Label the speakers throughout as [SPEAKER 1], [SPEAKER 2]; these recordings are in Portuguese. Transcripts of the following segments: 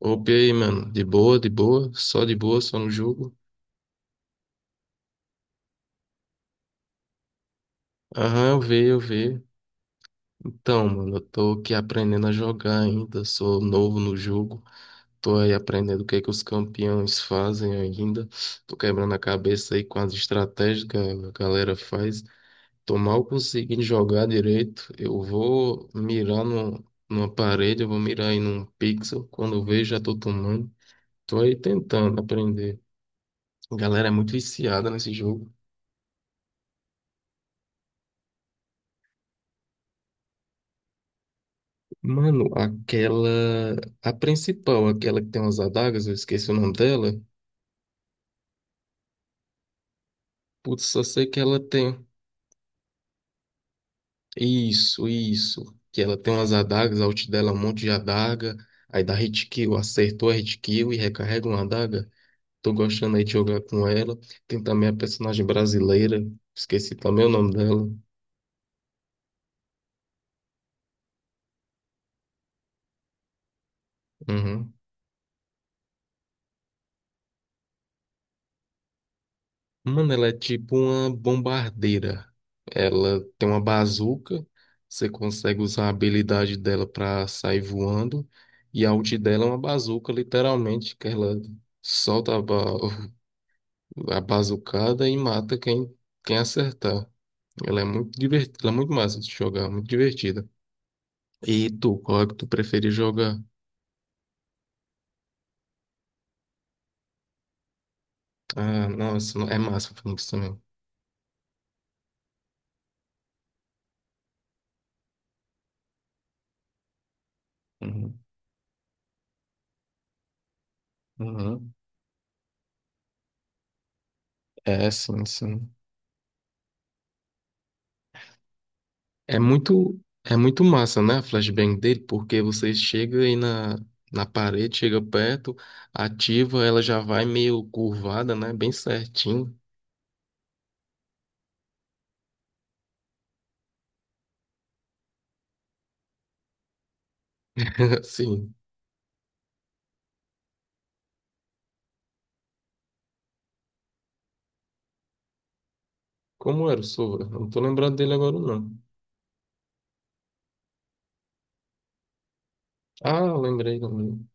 [SPEAKER 1] Opa, e aí, mano? De boa, só no jogo. Aham, eu vi, eu vi. Então, mano, eu tô aqui aprendendo a jogar ainda, sou novo no jogo. Tô aí aprendendo o que é que os campeões fazem ainda. Tô quebrando a cabeça aí com as estratégias que a galera faz. Tô mal conseguindo jogar direito. Eu vou mirar no, numa parede, eu vou mirar aí num pixel. Quando eu vejo, já tô tomando. Tô aí tentando aprender. A galera é muito viciada nesse jogo. Mano, aquela. A principal, aquela que tem umas adagas, eu esqueci o nome dela. Putz, só sei que ela tem. Isso, isso. Que ela tem umas adagas, a ult dela é um monte de adaga. Aí dá hit kill, acertou a hit kill e recarrega uma adaga. Tô gostando aí de jogar com ela. Tem também a personagem brasileira, esqueci também o nome dela. Uhum. Mano, ela é tipo uma bombardeira. Ela tem uma bazuca, você consegue usar a habilidade dela pra sair voando, e a ult dela é uma bazuca, literalmente, que ela solta a, ba a bazucada e mata quem acertar. Ela é muito divertida, ela é muito massa de jogar, muito divertida. E tu, qual é que tu prefere jogar? Ah, nossa, é massa o Phoenix também. Uhum. Uhum. É, sim, sim. É muito massa, né, a flashbang dele, porque você chega aí na parede, chega perto, ativa, ela já vai meio curvada, né, bem certinho. Assim, como era o Sovra? Não tô lembrado dele agora, não. Ah, lembrei também.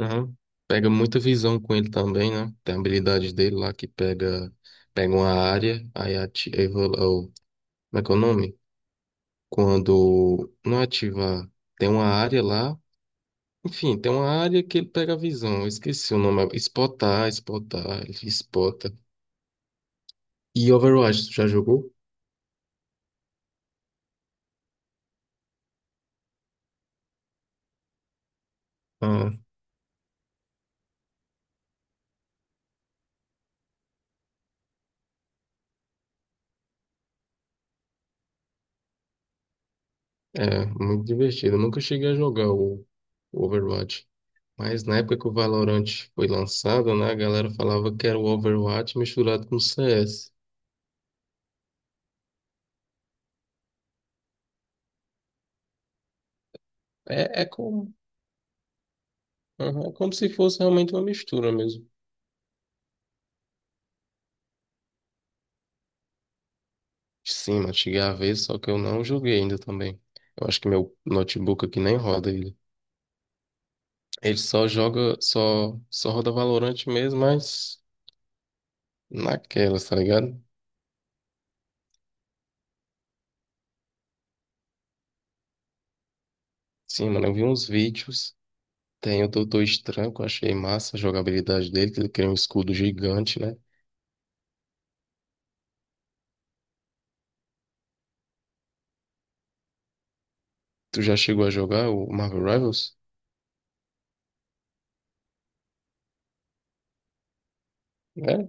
[SPEAKER 1] Aham. Pega muita visão com ele também, né? Tem a habilidade dele lá que pega uma área, aí ativa, ou, como é que é o nome? Quando não ativa, tem uma área lá, enfim, tem uma área que ele pega a visão. Eu esqueci o nome agora. Spotar, Spotar, ele Spota. E Overwatch, tu já jogou? Ah, é, muito divertido. Eu nunca cheguei a jogar o Overwatch. Mas na época que o Valorant foi lançado, né, a galera falava que era o Overwatch misturado com o CS. É como, aham, é como se fosse realmente uma mistura mesmo. Sim, mas cheguei a ver, só que eu não joguei ainda também. Eu acho que meu notebook aqui nem roda ele. Ele só joga, só roda Valorant mesmo, mas naquelas, tá ligado? Sim, mano, eu vi uns vídeos. Tem o Doutor Estranho, que eu achei massa a jogabilidade dele, que ele cria um escudo gigante, né? Tu já chegou a jogar o Marvel Rivals? É?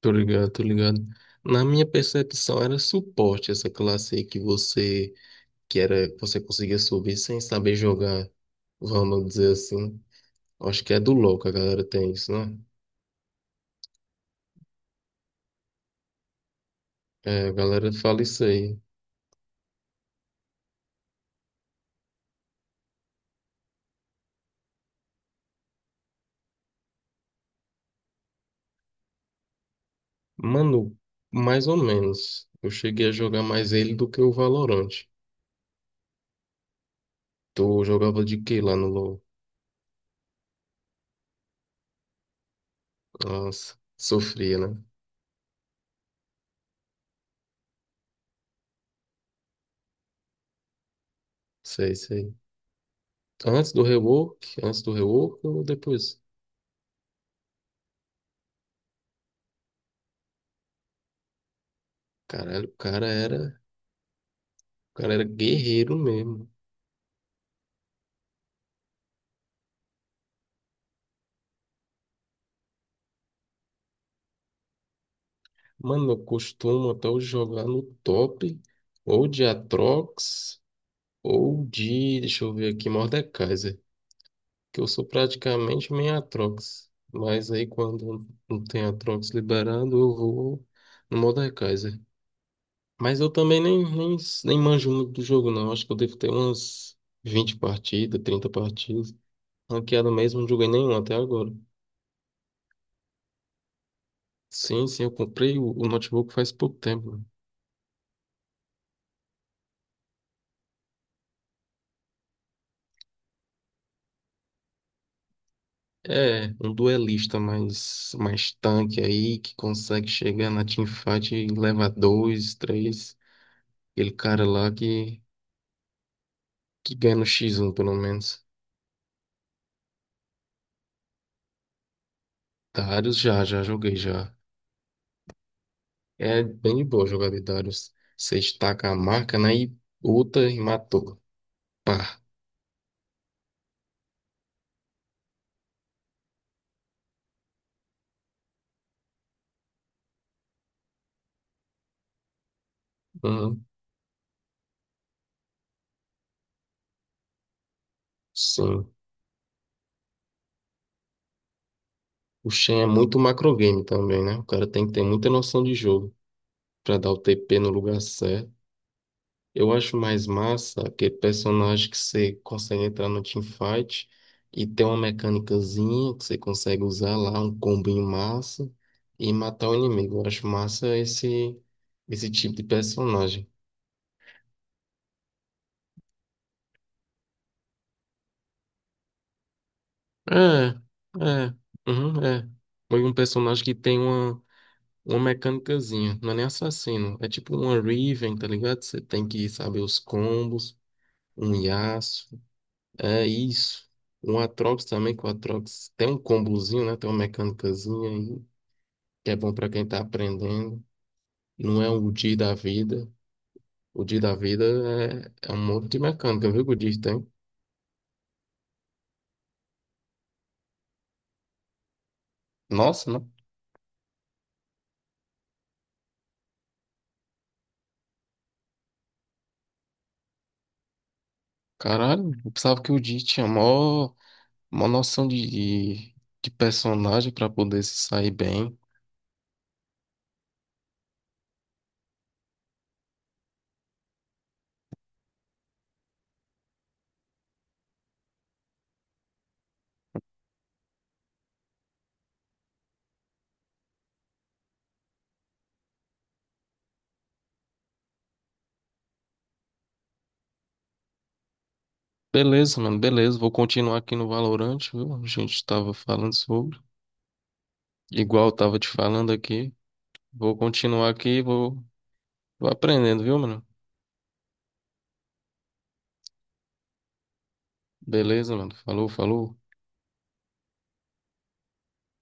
[SPEAKER 1] Tô ligado, tô ligado. Na minha percepção era suporte essa classe aí que você que era, você conseguia subir sem saber jogar, vamos dizer assim. Acho que é do LoL que a galera tem isso, né? É, a galera fala isso aí. Mano, mais ou menos. Eu cheguei a jogar mais ele do que o Valorant. Tu jogava de quê lá no LoL? Nossa, sofria, né? Sei, sei. Antes do rework ou depois? Caralho, o cara era guerreiro mesmo. Mano, eu costumo até hoje jogar no top, ou de Atrox, ou deixa eu ver aqui, Mordekaiser. Que eu sou praticamente meio Atrox. Mas aí quando não tem Atrox liberado, eu vou no Mordekaiser. Mas eu também nem manjo muito do jogo, não. Acho que eu devo ter umas 20 partidas, 30 partidas. Ranqueada mesmo, não joguei nenhum até agora. Sim, sim, eu comprei o notebook faz pouco tempo, né? É, um duelista mais tanque aí, que consegue chegar na teamfight e levar dois, três. Aquele cara lá que ganha no x um pelo menos. Darius já joguei já. É bem de boa jogar de Darius. Você estaca a marca, né? E luta e matou. Pá. Uhum. Sim. O Shen é muito macrogame também, né? O cara tem que ter muita noção de jogo pra dar o TP no lugar certo. Eu acho mais massa aquele personagem que você consegue entrar no teamfight e ter uma mecânicazinha que você consegue usar lá, um combinho massa e matar o inimigo. Eu acho massa esse tipo de personagem. É, é, uhum, é. Foi um personagem que tem uma mecânicazinha, não é nem assassino, é tipo uma Riven, tá ligado? Você tem que saber os combos, um Yasuo, é isso. Um Atrox também, que o Atrox tem um combozinho, né? Tem uma mecânicazinha aí, que é bom pra quem tá aprendendo. Não é o Di da vida. O Di da vida é um monte de mecânica, viu? Que o Di tem. Nossa, né? Caralho, eu pensava que o Di tinha mó. Uma noção de personagem pra poder se sair bem. Beleza, mano, beleza. Vou continuar aqui no Valorante, viu? A gente tava falando sobre. Igual eu tava te falando aqui. Vou continuar aqui e vou aprendendo, viu, mano? Beleza, mano. Falou, falou.